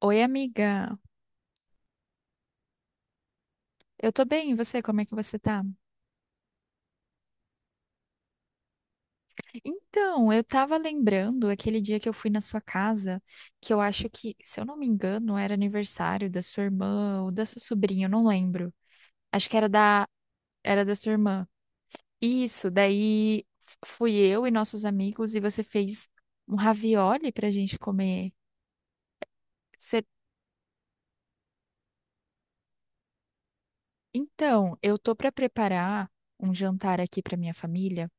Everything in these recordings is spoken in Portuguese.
Oi, amiga. Eu tô bem, e você? Como é que você tá? Então, eu tava lembrando aquele dia que eu fui na sua casa, que eu acho que, se eu não me engano, era aniversário da sua irmã ou da sua sobrinha, eu não lembro. Acho que era da sua irmã. Isso, daí fui eu e nossos amigos e você fez um ravioli pra gente comer. Cê- Então, eu tô pra preparar um jantar aqui pra minha família,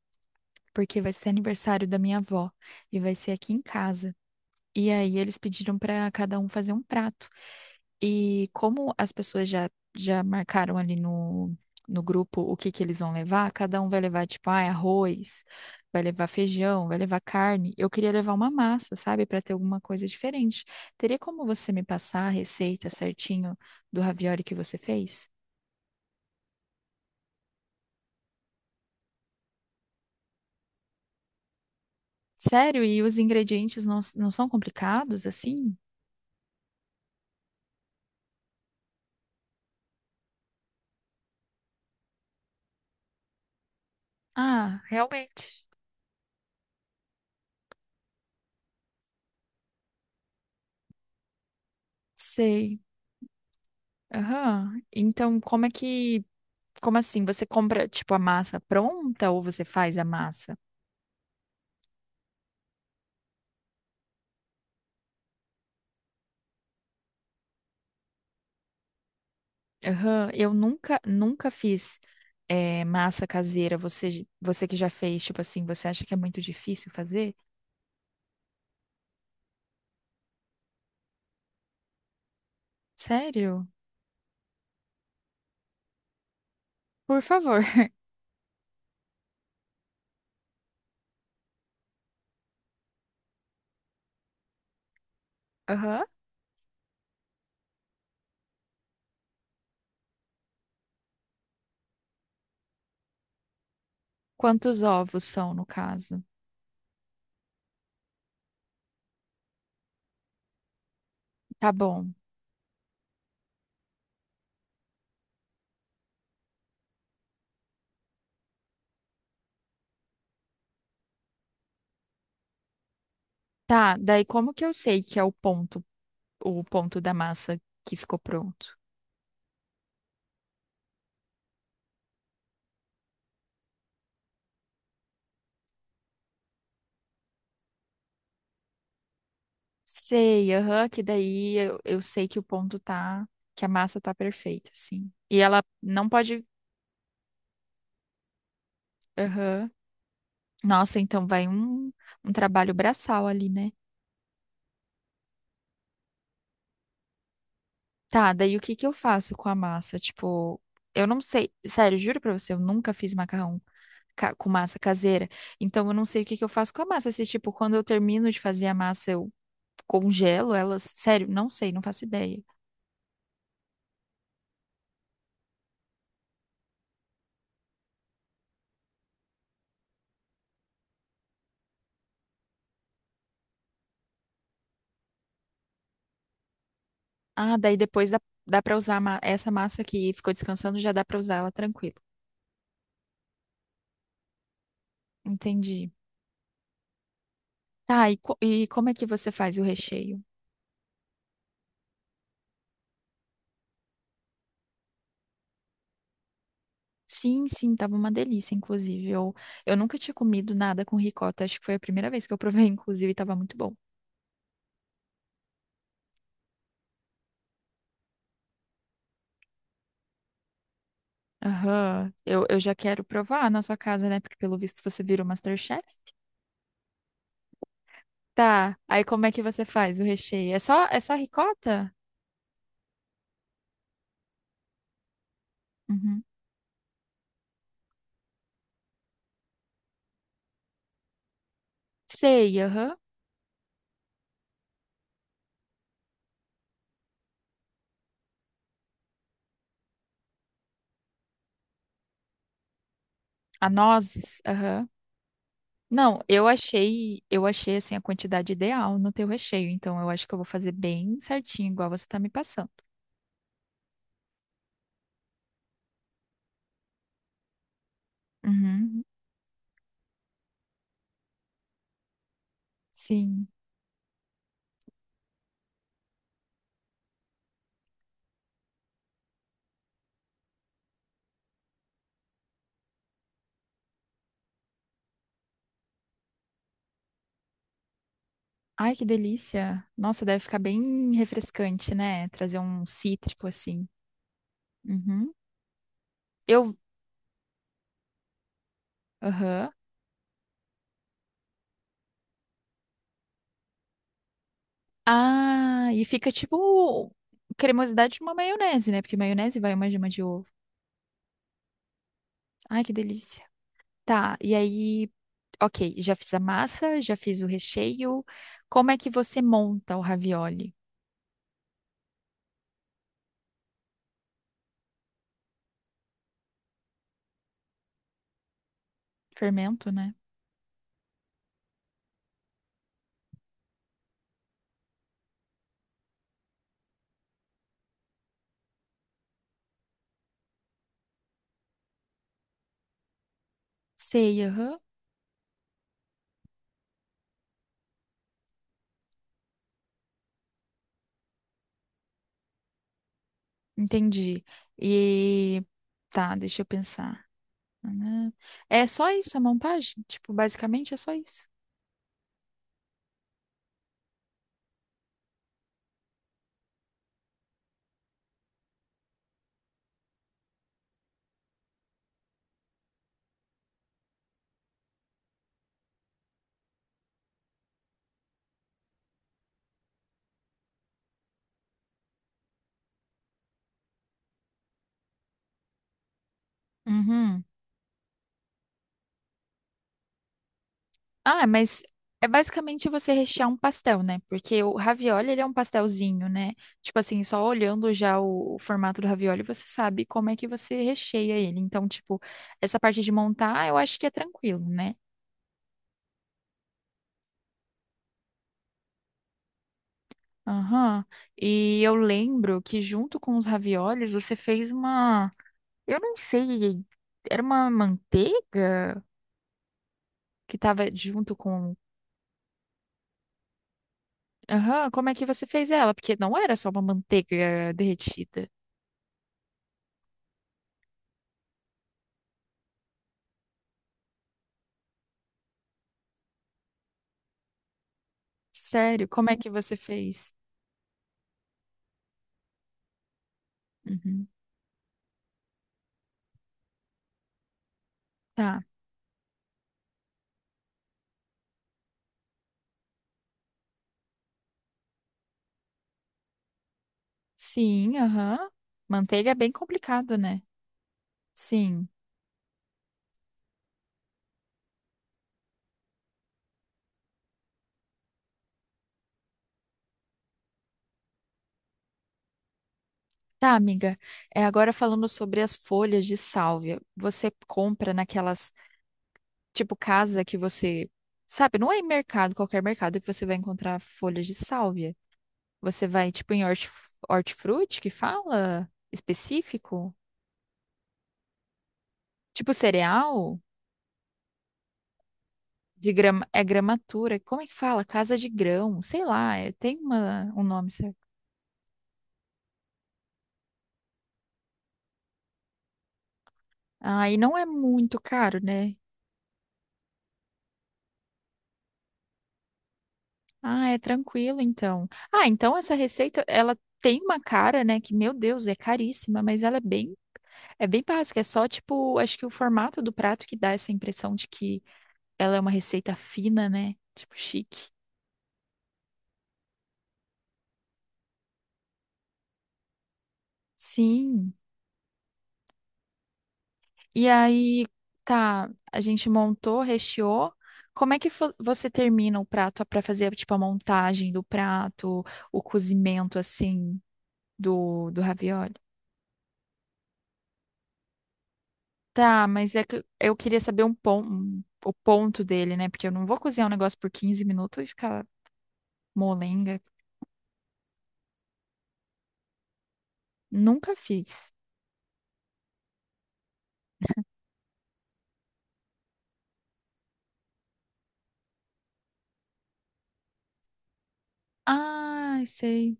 porque vai ser aniversário da minha avó e vai ser aqui em casa. E aí eles pediram para cada um fazer um prato. E como as pessoas já marcaram ali no grupo o que que eles vão levar, cada um vai levar, tipo, ah, é arroz, vai levar feijão, vai levar carne. Eu queria levar uma massa, sabe, para ter alguma coisa diferente. Teria como você me passar a receita certinho do ravioli que você fez? Sério? E os ingredientes não são complicados assim? Ah, realmente. Sei. Aham. Então, como é que como assim? Você compra, tipo, a massa pronta ou você faz a massa? Aham, eu nunca fiz massa caseira. Você que já fez, tipo assim, você acha que é muito difícil fazer? Sério? Por favor. Aham. Quantos ovos são, no caso? Tá bom. Tá, daí como que eu sei que é o ponto da massa que ficou pronto? Sei, aham, que daí eu sei que o ponto tá, que a massa tá perfeita, sim. E ela não pode. Aham. Nossa, então vai um trabalho braçal ali, né? Tá, daí o que que eu faço com a massa? Tipo, eu não sei, sério, juro pra você, eu nunca fiz macarrão com massa caseira, então eu não sei o que que eu faço com a massa. Se, tipo, quando eu termino de fazer a massa, eu congelo elas, sério, não sei, não faço ideia. Ah, daí depois dá pra usar a essa massa que ficou descansando, já dá pra usar ela tranquilo. Entendi. Tá, e como é que você faz o recheio? Sim, sim, tava uma delícia, inclusive. Eu nunca tinha comido nada com ricota, acho que foi a primeira vez que eu provei, inclusive, e tava muito bom. Aham, eu já quero provar na sua casa, né? Porque pelo visto você vira o MasterChef. Tá, aí como é que você faz o recheio? É só ricota? Uhum. Sei, aham. A nozes, aham. Não, eu achei assim a quantidade ideal no teu recheio, então eu acho que eu vou fazer bem certinho, igual você tá me passando. Uhum. Sim. Ai, que delícia. Nossa, deve ficar bem refrescante, né? Trazer um cítrico assim. Uhum. Eu. Aham. Ah, e fica tipo cremosidade de uma maionese, né? Porque maionese vai uma gema de ovo. Ai, que delícia. Tá, e aí, ok, já fiz a massa, já fiz o recheio. Como é que você monta o ravioli? Fermento, né? Sei, aham. Entendi. E tá, deixa eu pensar. Ah, é só isso a montagem? Tipo, basicamente é só isso. Uhum. Ah, mas é basicamente você rechear um pastel, né? Porque o ravioli, ele é um pastelzinho, né? Tipo assim, só olhando já o formato do ravioli, você sabe como é que você recheia ele. Então, tipo, essa parte de montar, eu acho que é tranquilo, né? Aham. E eu lembro que junto com os raviolis, você fez uma... Eu não sei, era uma manteiga que tava junto com. Aham, como é que você fez ela? Porque não era só uma manteiga derretida. Sério, como é que você fez? Uhum. Tá. Sim, aham. Manteiga é bem complicado, né? Sim. Tá, amiga. É, agora falando sobre as folhas de sálvia, você compra naquelas, tipo, casa que você, sabe, não é em mercado, qualquer mercado que você vai encontrar folhas de sálvia. Você vai tipo em hortifruti que fala específico? Tipo cereal? De grama, é gramatura. Como é que fala? Casa de grão. Sei lá, tem um nome certo. Ah, e não é muito caro, né? Ah, é tranquilo então. Ah, então essa receita, ela tem uma cara, né? Que, meu Deus, é caríssima, mas ela é bem, básica. É só, tipo, acho que o formato do prato que dá essa impressão de que ela é uma receita fina, né? Tipo, chique. Sim. E aí, tá, a gente montou, recheou. Como é que você termina o prato pra fazer, tipo, a montagem do prato, o cozimento, assim, do ravioli? Tá, mas é que eu queria saber o ponto dele, né? Porque eu não vou cozinhar um negócio por 15 minutos e ficar molenga. Nunca fiz. Ah, sei.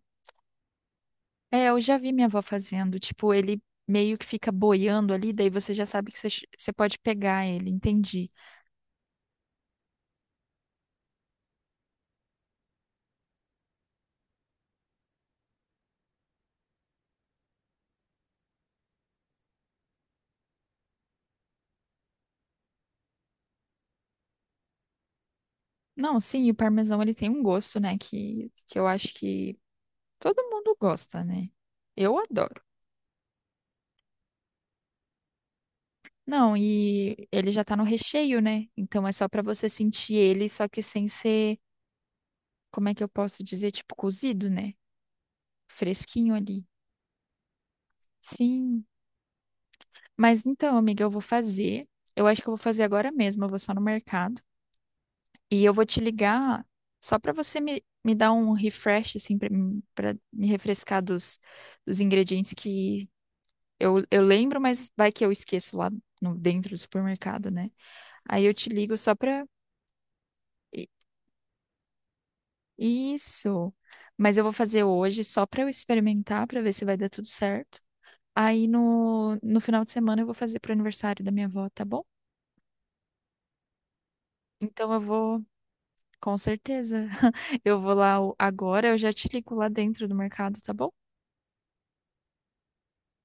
É, eu já vi minha avó fazendo. Tipo, ele meio que fica boiando ali, daí você já sabe que você pode pegar ele. Entendi. Não, sim, o parmesão ele tem um gosto, né, que eu acho que todo mundo gosta, né? Eu adoro. Não, e ele já tá no recheio, né? Então é só pra você sentir ele, só que sem ser, como é que eu posso dizer, tipo cozido, né? Fresquinho ali. Sim. Mas então, amiga, eu vou fazer. Eu acho que eu vou fazer agora mesmo, eu vou só no mercado. E eu vou te ligar só pra você me dar um refresh, assim, pra me refrescar dos ingredientes que. Eu lembro, mas vai que eu esqueço lá no, dentro do supermercado, né? Aí eu te ligo só pra. I- Isso. Mas eu vou fazer hoje só pra eu experimentar, pra ver se vai dar tudo certo. Aí no final de semana eu vou fazer pro aniversário da minha avó, tá bom? Então eu vou, com certeza. Eu vou lá agora, eu já te ligo lá dentro do mercado, tá bom?